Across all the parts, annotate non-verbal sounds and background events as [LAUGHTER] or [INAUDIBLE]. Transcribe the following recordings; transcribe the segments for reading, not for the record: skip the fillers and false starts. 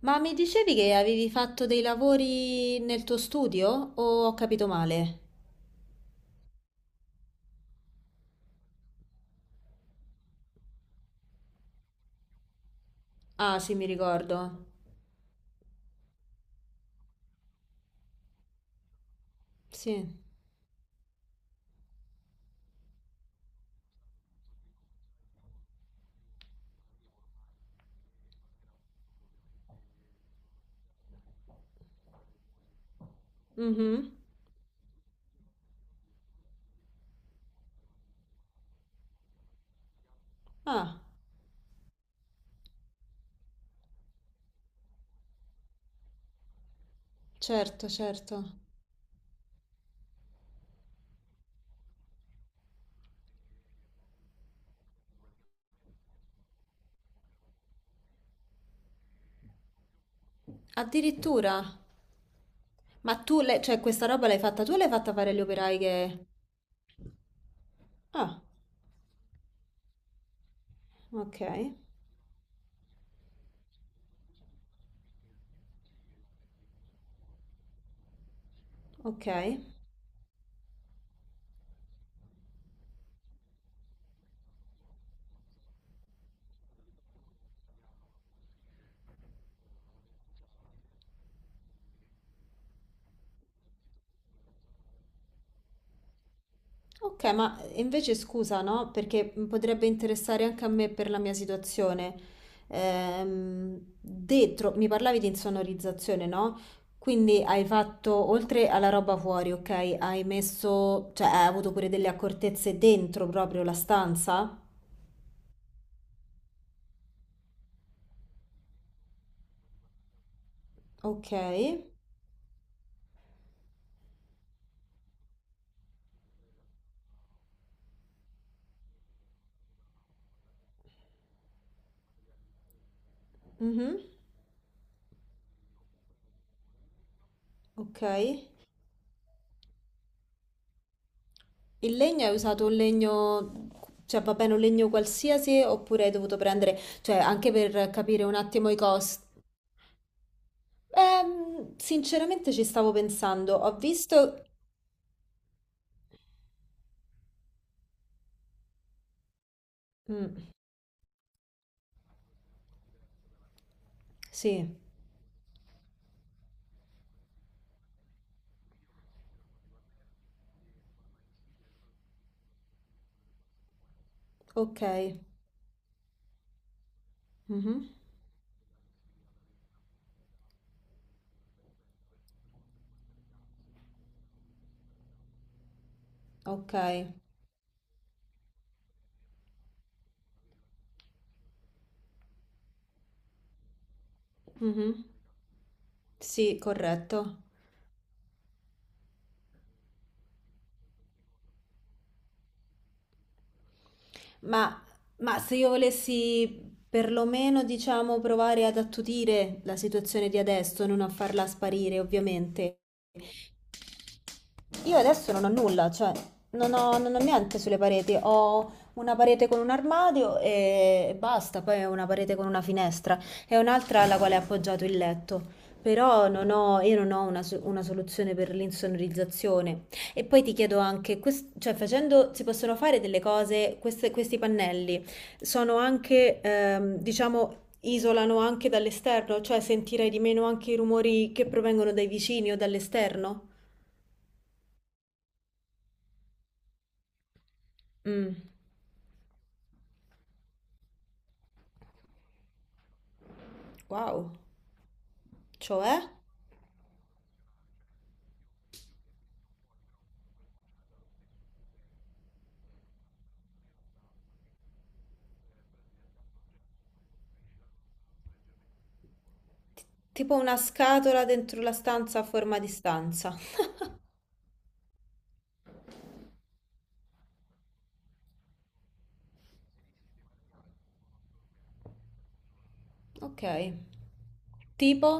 Ma mi dicevi che avevi fatto dei lavori nel tuo studio o ho capito male? Ah, sì, mi ricordo. Sì. Mhm. Ah, certo, certo. Addirittura. Ma tu, questa roba l'hai fatta tu o l'hai fatta fare agli operai che... Ah, ok, ok. Ok, ma invece scusa, no? Perché potrebbe interessare anche a me per la mia situazione. Dentro, mi parlavi di insonorizzazione, no? Quindi hai fatto, oltre alla roba fuori, ok? Hai messo, cioè hai avuto pure delle accortezze dentro proprio la stanza? Ok. Mhm. Ok. Il legno hai usato un legno, cioè va bene un legno qualsiasi oppure hai dovuto prendere, cioè anche per capire un attimo i costi. Sinceramente ci stavo pensando, ho visto... Mm, sì, ok, mhm, ok, mhm, sì, corretto. Ma, ma se io volessi perlomeno, diciamo, provare ad attutire la situazione di adesso, non a farla sparire, ovviamente, io adesso non ho nulla, cioè non ho niente sulle pareti, ho una parete con un armadio e basta, poi ho una parete con una finestra e un'altra alla quale è appoggiato il letto. Però non ho, io non ho una, una soluzione per l'insonorizzazione. E poi ti chiedo anche, cioè facendo, si possono fare delle cose, questi pannelli sono anche, diciamo, isolano anche dall'esterno, cioè sentirai di meno anche i rumori che provengono dai vicini o dall'esterno? Mm. Wow, cioè? T- tipo una scatola dentro la stanza a forma di stanza. Ok. Tipo?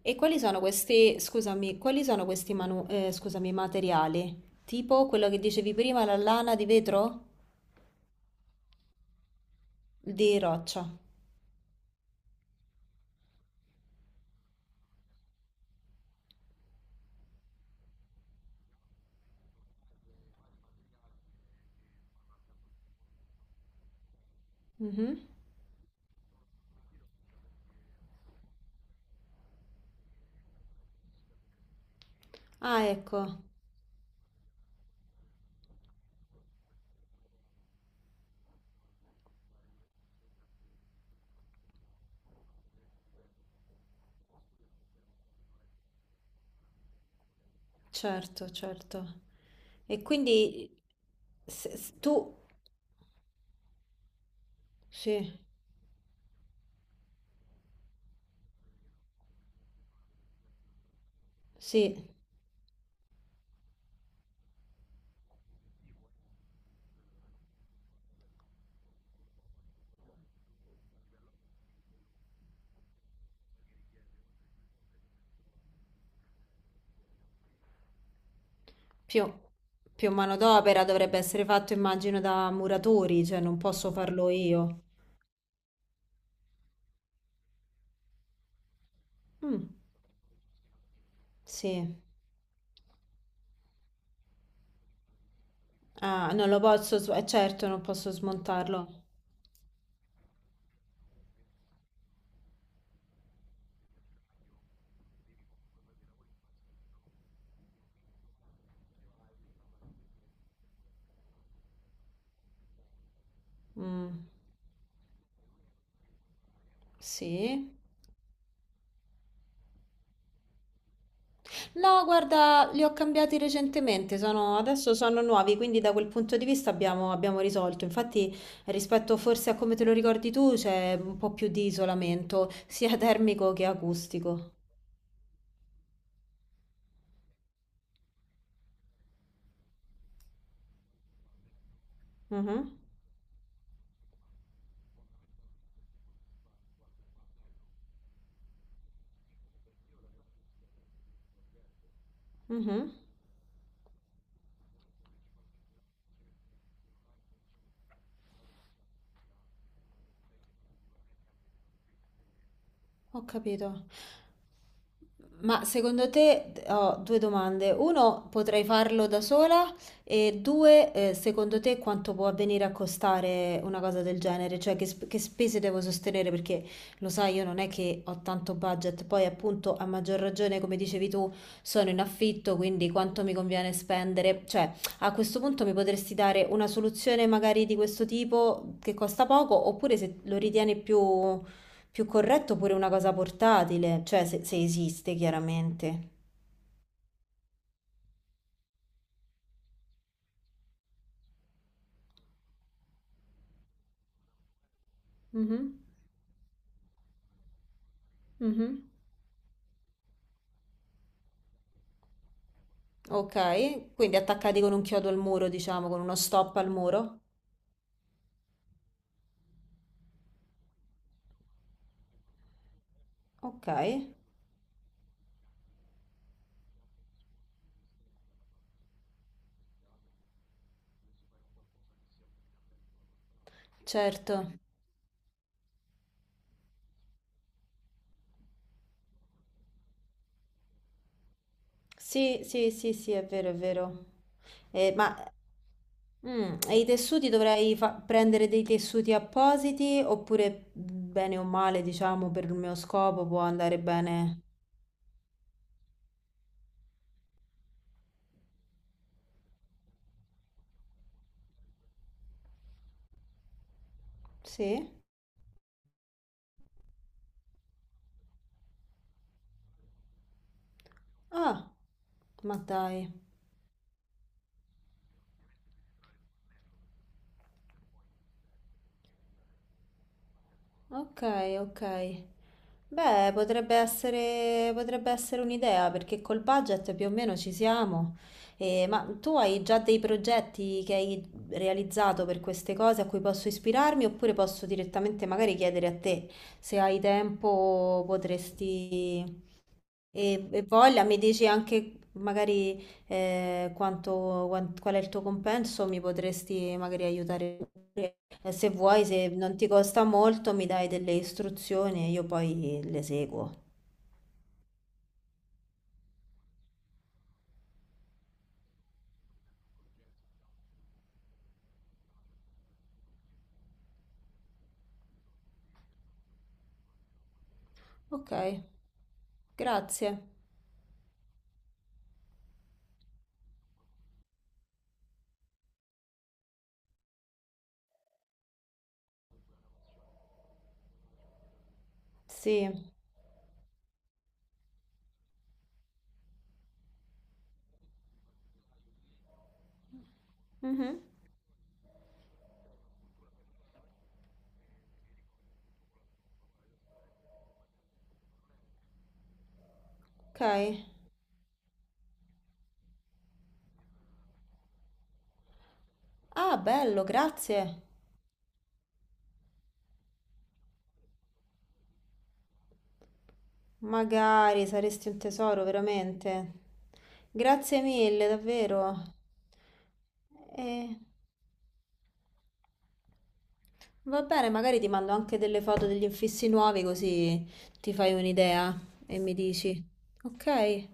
E quali sono questi, scusami, quali sono questi scusami, materiali? Tipo quello che dicevi prima, la lana di vetro? Di roccia. Mhm. Ah, ecco, certo, certo. E quindi se tu... Sì, sì. Più, più manodopera dovrebbe essere fatto, immagino, da muratori, cioè non posso farlo io. Mm, sì. Ah, non lo posso, certo, non posso smontarlo. Mm, sì. No, guarda, li ho cambiati recentemente, adesso sono nuovi, quindi da quel punto di vista abbiamo, abbiamo risolto. Infatti, rispetto forse a come te lo ricordi tu, c'è un po' più di isolamento, sia termico che acustico. Mhm, mhm. Ho capito. Ma secondo te ho due domande. Uno, potrei farlo da sola? E due, secondo te quanto può avvenire a costare una cosa del genere? Cioè che, che spese devo sostenere? Perché lo sai, io non è che ho tanto budget. Poi appunto, a maggior ragione, come dicevi tu, sono in affitto, quindi quanto mi conviene spendere? Cioè, a questo punto mi potresti dare una soluzione magari di questo tipo che costa poco, oppure se lo ritieni più corretto pure una cosa portatile, cioè se, se esiste chiaramente. Mhm, mhm. Ok, quindi attaccati con un chiodo al muro, diciamo, con uno stop al muro. Ok, certo. Sì, sì, sì, sì, è vero, è vero. Ma mm, e i tessuti dovrei prendere dei tessuti appositi oppure bene o male, diciamo, per il mio scopo può andare bene? Sì? Ah, ma dai. Ok, ok. Beh, potrebbe essere un'idea perché col budget più o meno ci siamo. Ma tu hai già dei progetti che hai realizzato per queste cose a cui posso ispirarmi oppure posso direttamente magari chiedere a te se hai tempo, potresti e voglia, mi dici anche magari quanto, qual è il tuo compenso, mi potresti magari aiutare pure. E se vuoi, se non ti costa molto, mi dai delle istruzioni e io poi le seguo. Ok, grazie. Sì. Mhm. Ok. Ah, bello, grazie. Magari saresti un tesoro, veramente. Grazie mille, davvero. E... Va bene, magari ti mando anche delle foto degli infissi nuovi così ti fai un'idea e mi dici. Ok?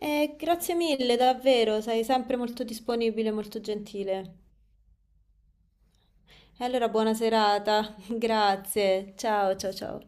Grazie mille, davvero, sei sempre molto disponibile, e molto gentile. E allora buona serata, [LAUGHS] grazie, ciao ciao ciao.